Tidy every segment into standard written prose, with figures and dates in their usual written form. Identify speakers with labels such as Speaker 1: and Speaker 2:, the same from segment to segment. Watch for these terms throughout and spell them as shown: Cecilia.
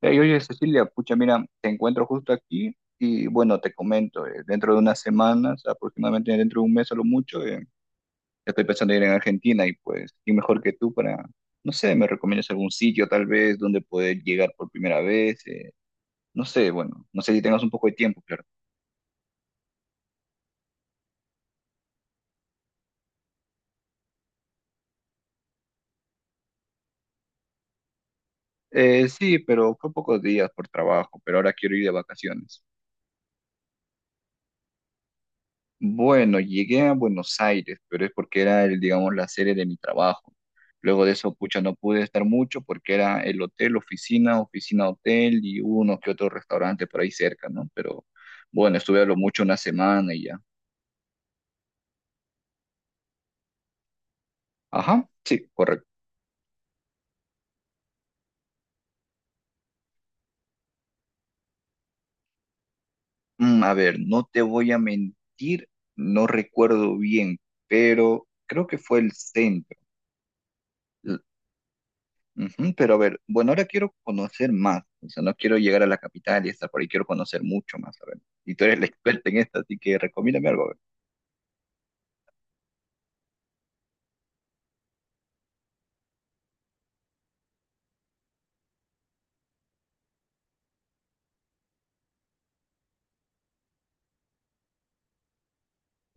Speaker 1: Hey, oye, Cecilia, pucha, mira, te encuentro justo aquí y bueno, te comento, dentro de unas semanas, aproximadamente dentro de un mes a lo mucho, estoy pensando en ir en Argentina y pues, ¿quién mejor que tú para, no sé, me recomiendas algún sitio tal vez donde poder llegar por primera vez? No sé, bueno, no sé si tengas un poco de tiempo, claro. Sí, pero fue pocos días por trabajo, pero ahora quiero ir de vacaciones. Bueno, llegué a Buenos Aires, pero es porque era, el, digamos, la sede de mi trabajo. Luego de eso, pucha, no pude estar mucho porque era el hotel, oficina, oficina, hotel y uno que otro restaurante por ahí cerca, ¿no? Pero bueno, estuve a lo mucho una semana y ya. Ajá, sí, correcto. A ver, no te voy a mentir, no recuerdo bien, pero creo que fue el centro. Ujú, pero a ver, bueno, ahora quiero conocer más, o sea, no quiero llegar a la capital y estar por ahí, quiero conocer mucho más, a ver. Y tú eres la experta en esto, así que recomiéndame algo, a ver.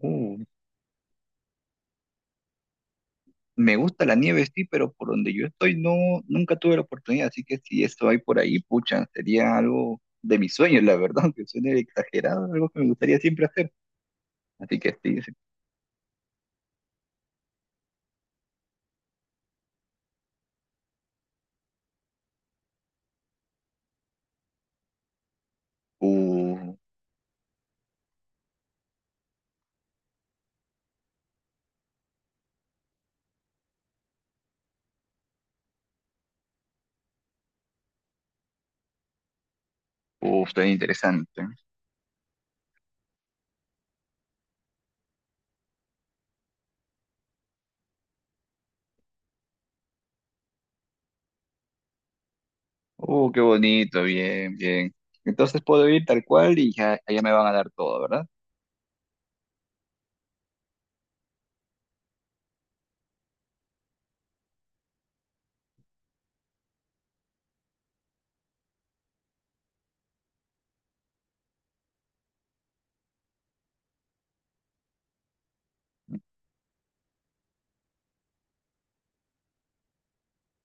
Speaker 1: Uh, Me gusta la nieve, sí, pero por donde yo estoy no, nunca tuve la oportunidad, así que si esto hay por ahí, pucha, sería algo de mis sueños, la verdad, aunque suene exagerado, algo que me gustaría siempre hacer. Así que sí, sí. Uh, suena interesante. Qué bonito, bien, bien. Entonces puedo ir tal cual y ya, ya me van a dar todo, ¿verdad?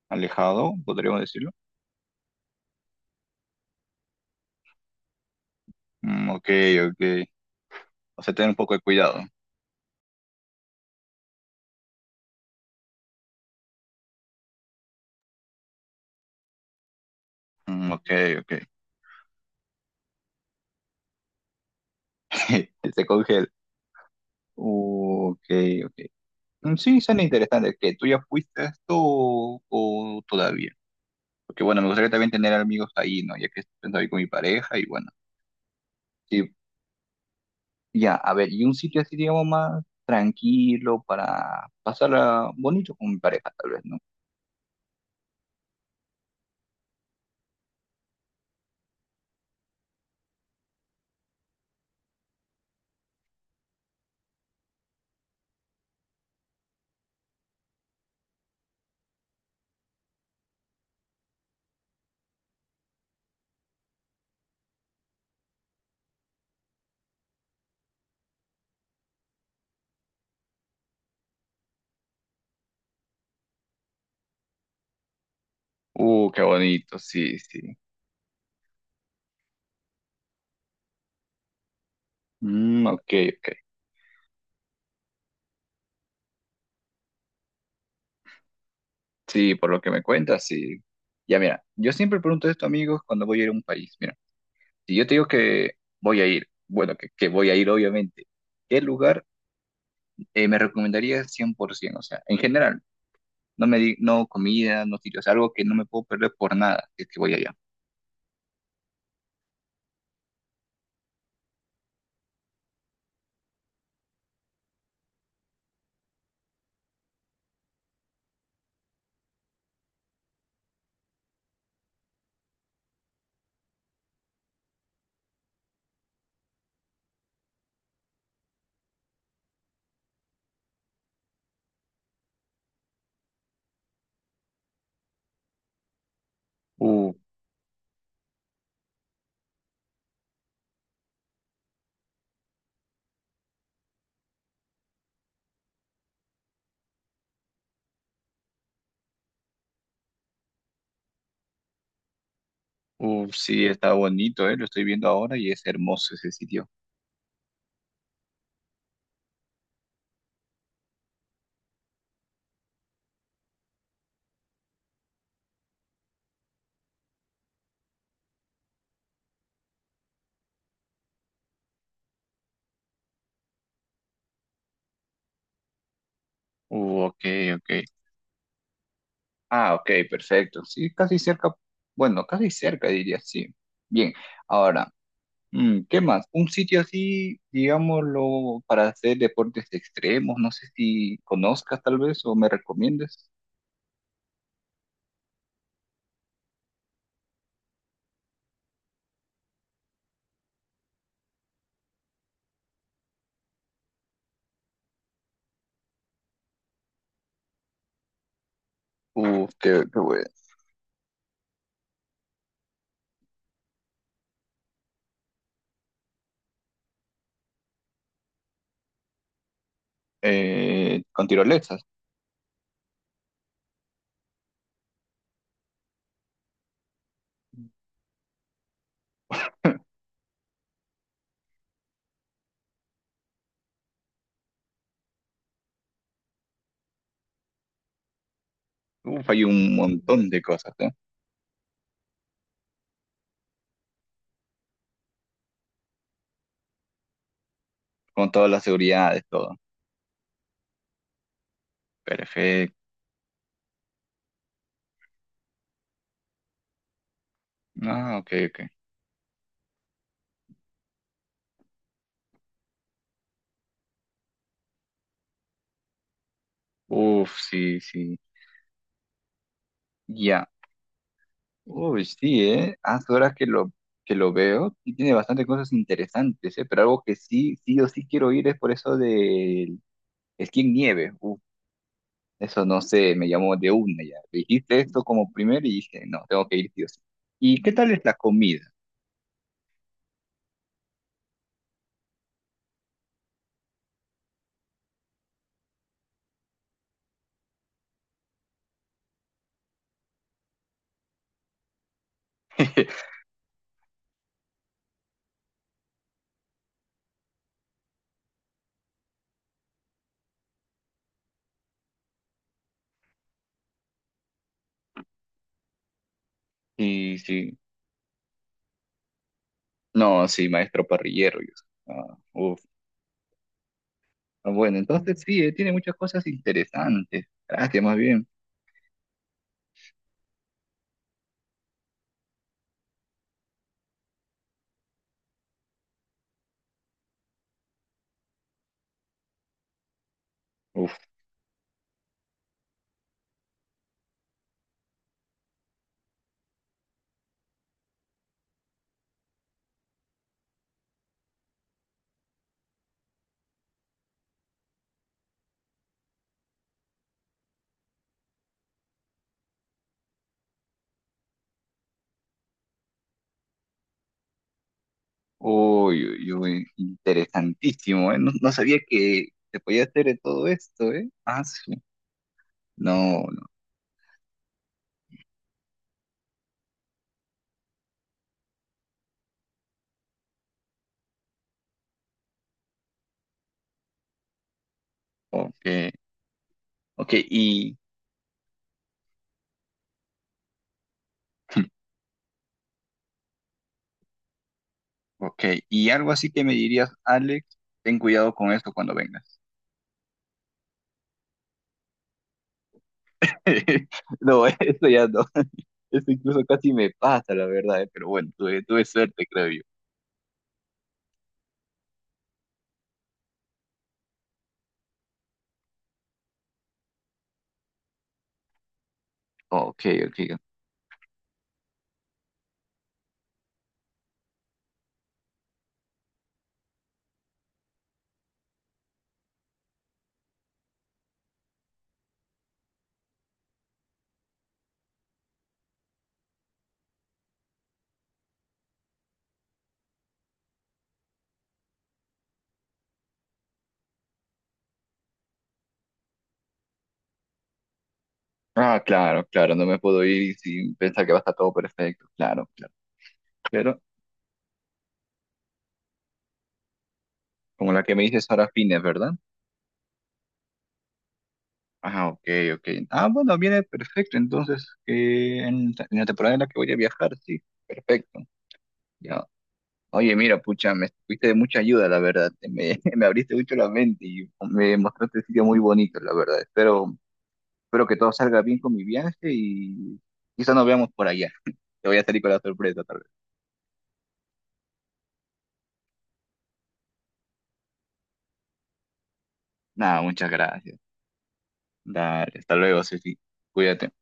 Speaker 1: Alejado, podríamos decirlo. Ok, ok. O sea, tener un poco de cuidado. Ok, ok. Se congela. Ok, ok. Sí, suena interesante. ¿Que tú ya fuiste a esto o todavía? Porque bueno, me gustaría también tener amigos ahí, ¿no? Ya que estoy con mi pareja y bueno. Sí, ya, a ver, y un sitio así, digamos, más tranquilo para pasarla bonito con mi pareja, tal vez, ¿no? Qué bonito, sí, sí. Ok, ok. Sí, por lo que me cuentas, sí. Ya mira, yo siempre pregunto esto, amigos, cuando voy a ir a un país. Mira, si yo te digo que voy a ir, bueno, que voy a ir, obviamente, ¿qué lugar me recomendarías 100%? O sea, en general, no me di, no comida, no sitios, algo que no me puedo perder por nada, si es que voy allá. Uh, sí, está bonito, ¿eh? Lo estoy viendo ahora y es hermoso ese sitio. Ok, ok. Ah, ok, perfecto. Sí, casi cerca, bueno, casi cerca diría, sí. Bien. Ahora, ¿qué más? Un sitio así, digámoslo, para hacer deportes extremos, no sé si conozcas tal vez o me recomiendes. Uf, qué bueno. Con tirolesas. Uf, hay un montón de cosas, ¿eh? Con todas las seguridades, todo. Perfecto. Ah, ok, ok. Uf, sí, sí. Ya. Uy, sí, ¿eh? Hace horas que que lo veo y tiene bastantes cosas interesantes, ¿eh? Pero algo que sí, sí o sí quiero ir es por eso del esquí en nieve. Eso no sé, me llamó de una ya. Dijiste esto como primero y dije, no, tengo que ir, Dios. ¿Y qué tal es la comida? Sí, sí. No, sí, maestro parrillero. Yo soy. Ah, uf. Ah, bueno, entonces sí, tiene muchas cosas interesantes. Gracias, más bien. Uf. Uy, uy, uy, interesantísimo, ¿eh? No, no sabía que se podía hacer de todo esto, ¿eh? Ah, sí. No, no. Ok, ok, y, ok, y algo así que me dirías, Alex, ten cuidado con esto cuando vengas. No, esto ya no. Esto incluso casi me pasa, la verdad, pero bueno, tuve suerte, creo yo. Ok, ok. Ah, claro, claro, no me puedo ir sin pensar que va a estar todo perfecto. Claro, claro. Pero como la que me dices ahora fines, ¿verdad? Ah, ok, ok. Ah, bueno, viene perfecto. Entonces, en la temporada en la que voy a viajar, sí, perfecto. Ya. Oye, mira, pucha, me fuiste de mucha ayuda, la verdad. Me, me abriste mucho la mente y me mostraste sitios muy bonitos, la verdad. Espero que todo salga bien con mi viaje y quizá nos veamos por allá. Te voy a salir con la sorpresa, tal vez. Nada, muchas gracias. Dale, hasta luego, Ceci. Cuídate.